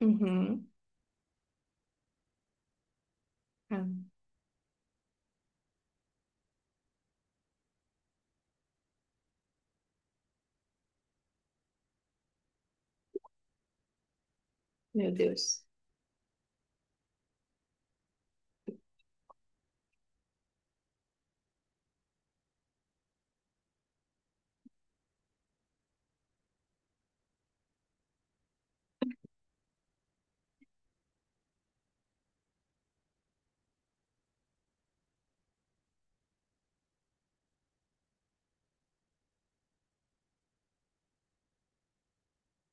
Uhum. Ah, meu Deus.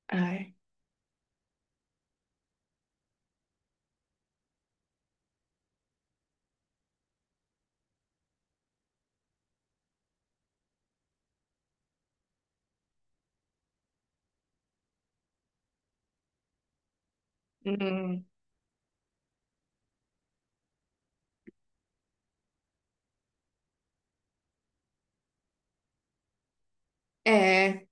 Ai. Hum. É.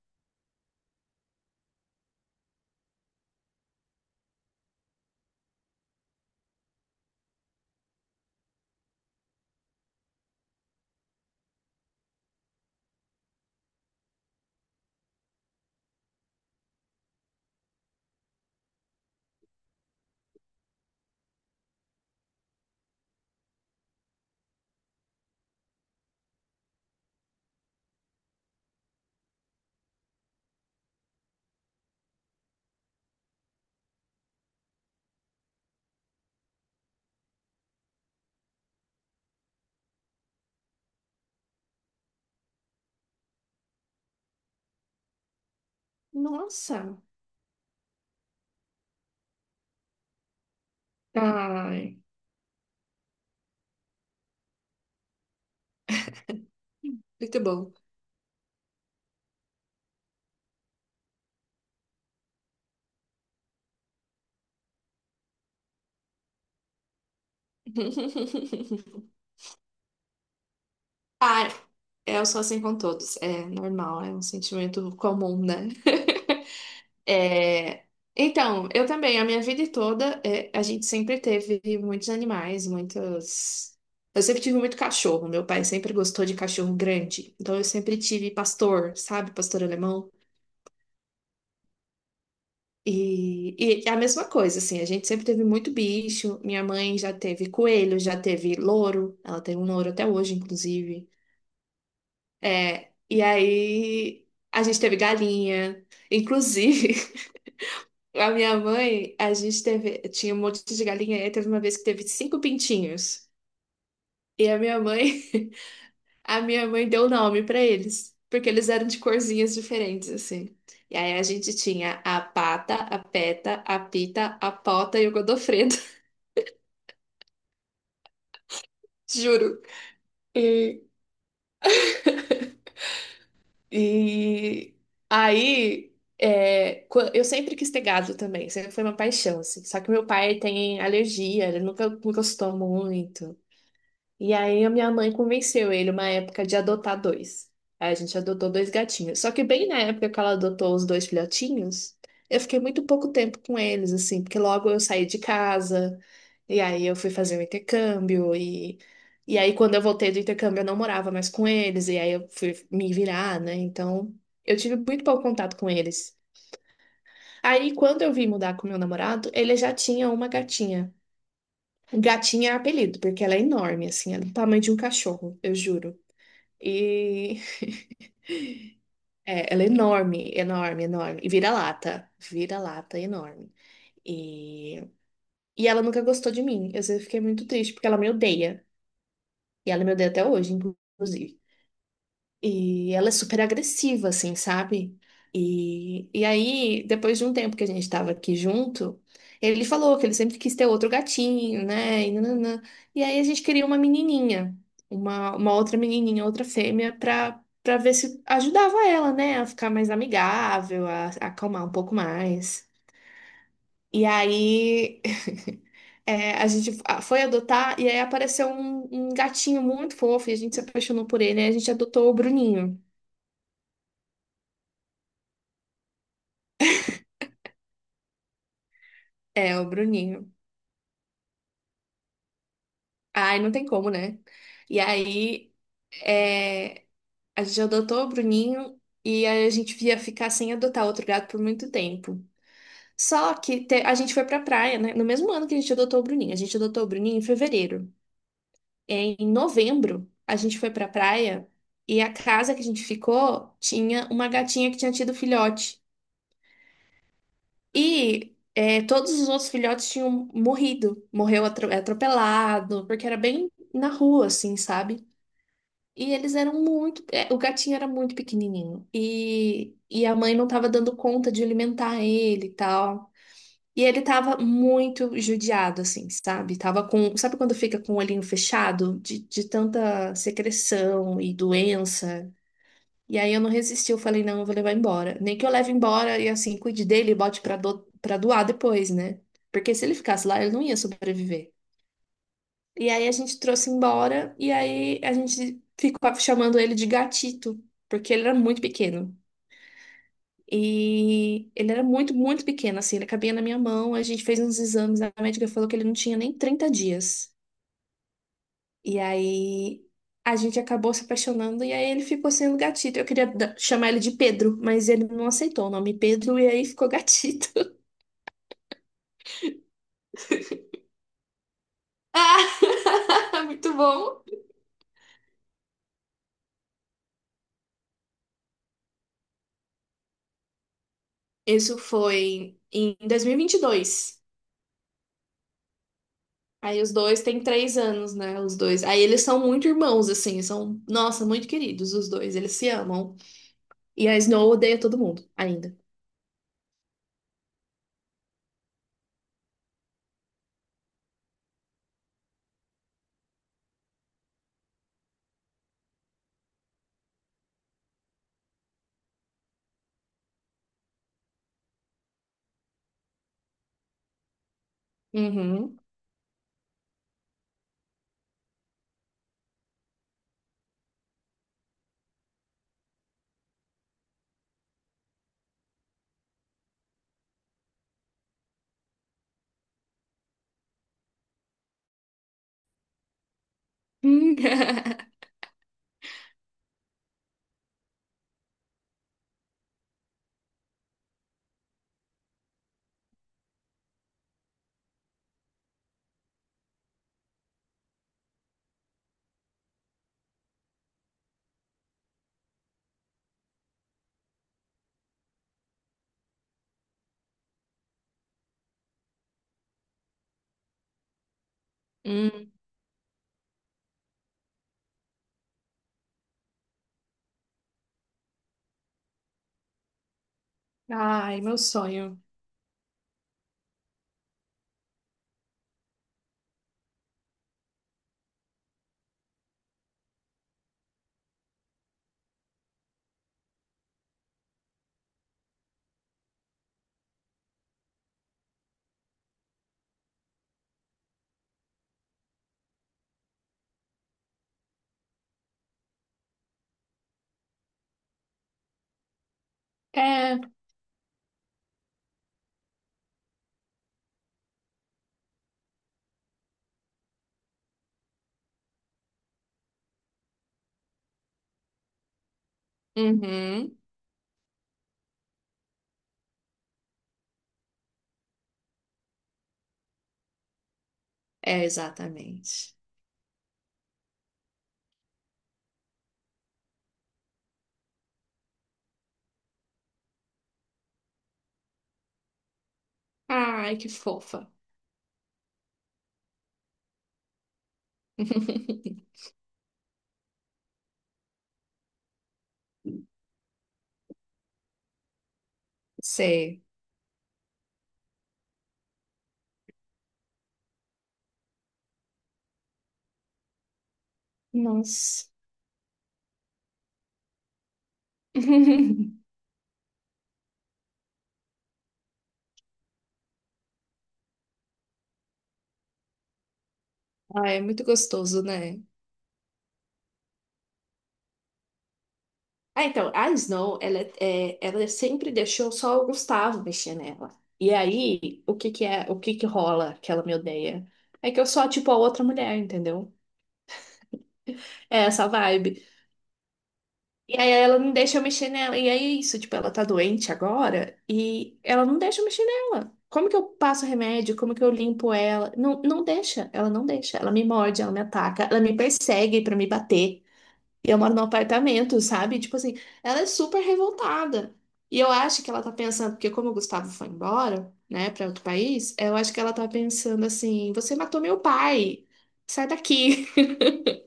Nossa. Ai. Muito bom. Ai. Eu sou assim com todos. É normal, é um sentimento comum, né? É, então, eu também, a minha vida toda, é, a gente sempre teve muitos animais, muitos. Eu sempre tive muito cachorro. Meu pai sempre gostou de cachorro grande. Então, eu sempre tive pastor, sabe? Pastor alemão. E, e é a mesma coisa, assim, a gente sempre teve muito bicho. Minha mãe já teve coelho, já teve louro, ela tem um louro até hoje, inclusive. É, e aí a gente teve galinha. Inclusive, a minha mãe, a gente teve, tinha um monte de galinha, e aí teve uma vez que teve cinco pintinhos. E a minha mãe, a minha mãe deu nome pra eles, porque eles eram de corzinhas diferentes, assim. E aí a gente tinha a pata, a peta, a pita, a pota e o Godofredo. Juro. E, e aí, é, eu sempre quis ter gado também, sempre foi uma paixão, assim. Só que meu pai tem alergia, ele nunca, nunca gostou muito. E aí a minha mãe convenceu ele, uma época, de adotar dois. Aí a gente adotou dois gatinhos. Só que bem na época que ela adotou os dois filhotinhos, eu fiquei muito pouco tempo com eles, assim, porque logo eu saí de casa. E aí eu fui fazer o intercâmbio e aí quando eu voltei do intercâmbio, eu não morava mais com eles, e aí eu fui me virar, né? Então eu tive muito pouco contato com eles. Aí quando eu vim mudar com meu namorado, ele já tinha uma gatinha. Gatinha é apelido, porque ela é enorme, assim, ela é do tamanho de um cachorro, eu juro. E é, ela é enorme, enorme, enorme. E vira-lata, vira-lata enorme. E... e ela nunca gostou de mim. Eu sempre fiquei muito triste, porque ela me odeia. E ela me odeia até hoje, inclusive. E ela é super agressiva, assim, sabe? E aí, depois de um tempo que a gente tava aqui junto, ele falou que ele sempre quis ter outro gatinho, né? E, nananã. E aí a gente queria uma menininha, uma outra menininha, outra fêmea, pra ver se ajudava ela, né? A ficar mais amigável, a acalmar um pouco mais. E aí. É, a gente foi adotar e aí apareceu um gatinho muito fofo e a gente se apaixonou por ele. Aí a gente adotou o Bruninho. É, o Bruninho. Ai, não tem como, né? E aí é, a gente adotou o Bruninho e aí a gente ia ficar sem adotar outro gato por muito tempo. Só que a gente foi pra praia, né? No mesmo ano que a gente adotou o Bruninho. A gente adotou o Bruninho em fevereiro. Em novembro, a gente foi pra praia e a casa que a gente ficou tinha uma gatinha que tinha tido filhote. E todos os outros filhotes tinham morrido, morreu atropelado, porque era bem na rua, assim, sabe? E eles eram muito. O gatinho era muito pequenininho. E a mãe não estava dando conta de alimentar ele e tal. E ele tava muito judiado, assim, sabe? Tava com. Sabe quando fica com o olhinho fechado? De tanta secreção e doença. E aí eu não resisti, eu falei: não, eu vou levar embora. Nem que eu leve embora e assim, cuide dele e bote pra doar depois, né? Porque se ele ficasse lá, ele não ia sobreviver. E aí a gente trouxe embora e aí a gente ficou chamando ele de gatito, porque ele era muito pequeno. E ele era muito, muito pequeno, assim, ele cabia na minha mão. A gente fez uns exames, a médica falou que ele não tinha nem 30 dias. E aí a gente acabou se apaixonando e aí ele ficou sendo gatito. Eu queria chamar ele de Pedro, mas ele não aceitou o nome Pedro e aí ficou gatito. Ah, muito bom. Isso foi em dois mil e vinte e dois. Aí os dois têm 3 anos, né? Os dois. Aí eles são muito irmãos, assim. São, nossa, muito queridos os dois. Eles se amam. E a Snow odeia todo mundo, ainda. Uhum. Hum. Ai, meu sonho. É. Uhum. É, exatamente. Ai, que fofa. Sei. Nossa. Ah, é muito gostoso, né? Ah, então, a Snow, ela sempre deixou só o Gustavo mexer nela. E aí, o que que rola que ela me odeia? É que eu sou, tipo, a outra mulher, entendeu? É essa vibe. E aí ela não deixa eu mexer nela. E aí é isso, tipo, ela tá doente agora e ela não deixa eu mexer nela. Como que eu passo remédio? Como que eu limpo ela? Não, não deixa, ela não deixa. Ela me morde, ela me ataca, ela me persegue pra me bater. E eu moro num apartamento, sabe? Tipo assim, ela é super revoltada. E eu acho que ela tá pensando, porque como o Gustavo foi embora, né, pra outro país, eu acho que ela tá pensando assim: você matou meu pai, sai daqui.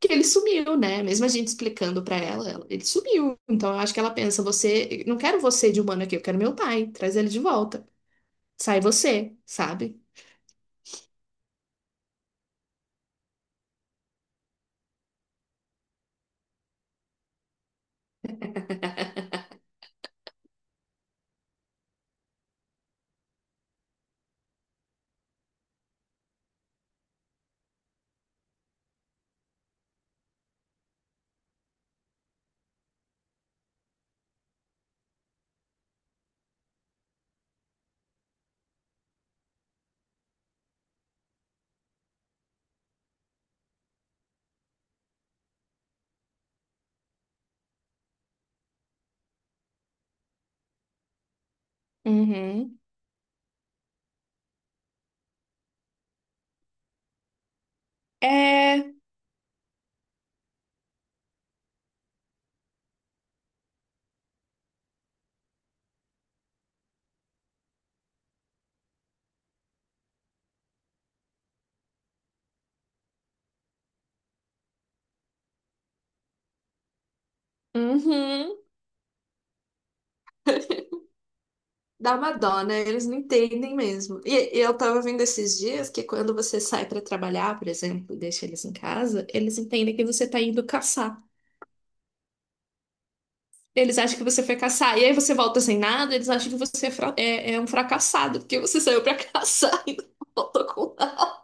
Que ele sumiu, né? Mesmo a gente explicando pra ela, ele sumiu. Então eu acho que ela pensa: você, não quero você de humano aqui, eu quero meu pai, traz ele de volta. Sai você, sabe? Uhum. É. Uhum. Dá uma dó, né? Eles não entendem mesmo. E eu tava vendo esses dias que quando você sai pra trabalhar, por exemplo, e deixa eles em casa, eles entendem que você tá indo caçar. Eles acham que você foi caçar. E aí você volta sem nada, eles acham que você é um fracassado, porque você saiu pra caçar e não voltou com nada.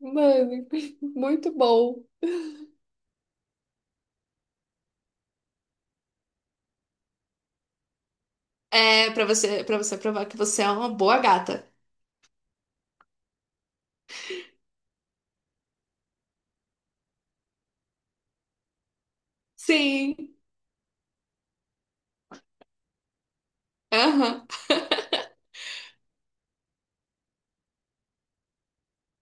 Mano, muito bom. É, para você provar que você é uma boa gata. Sim. Aham.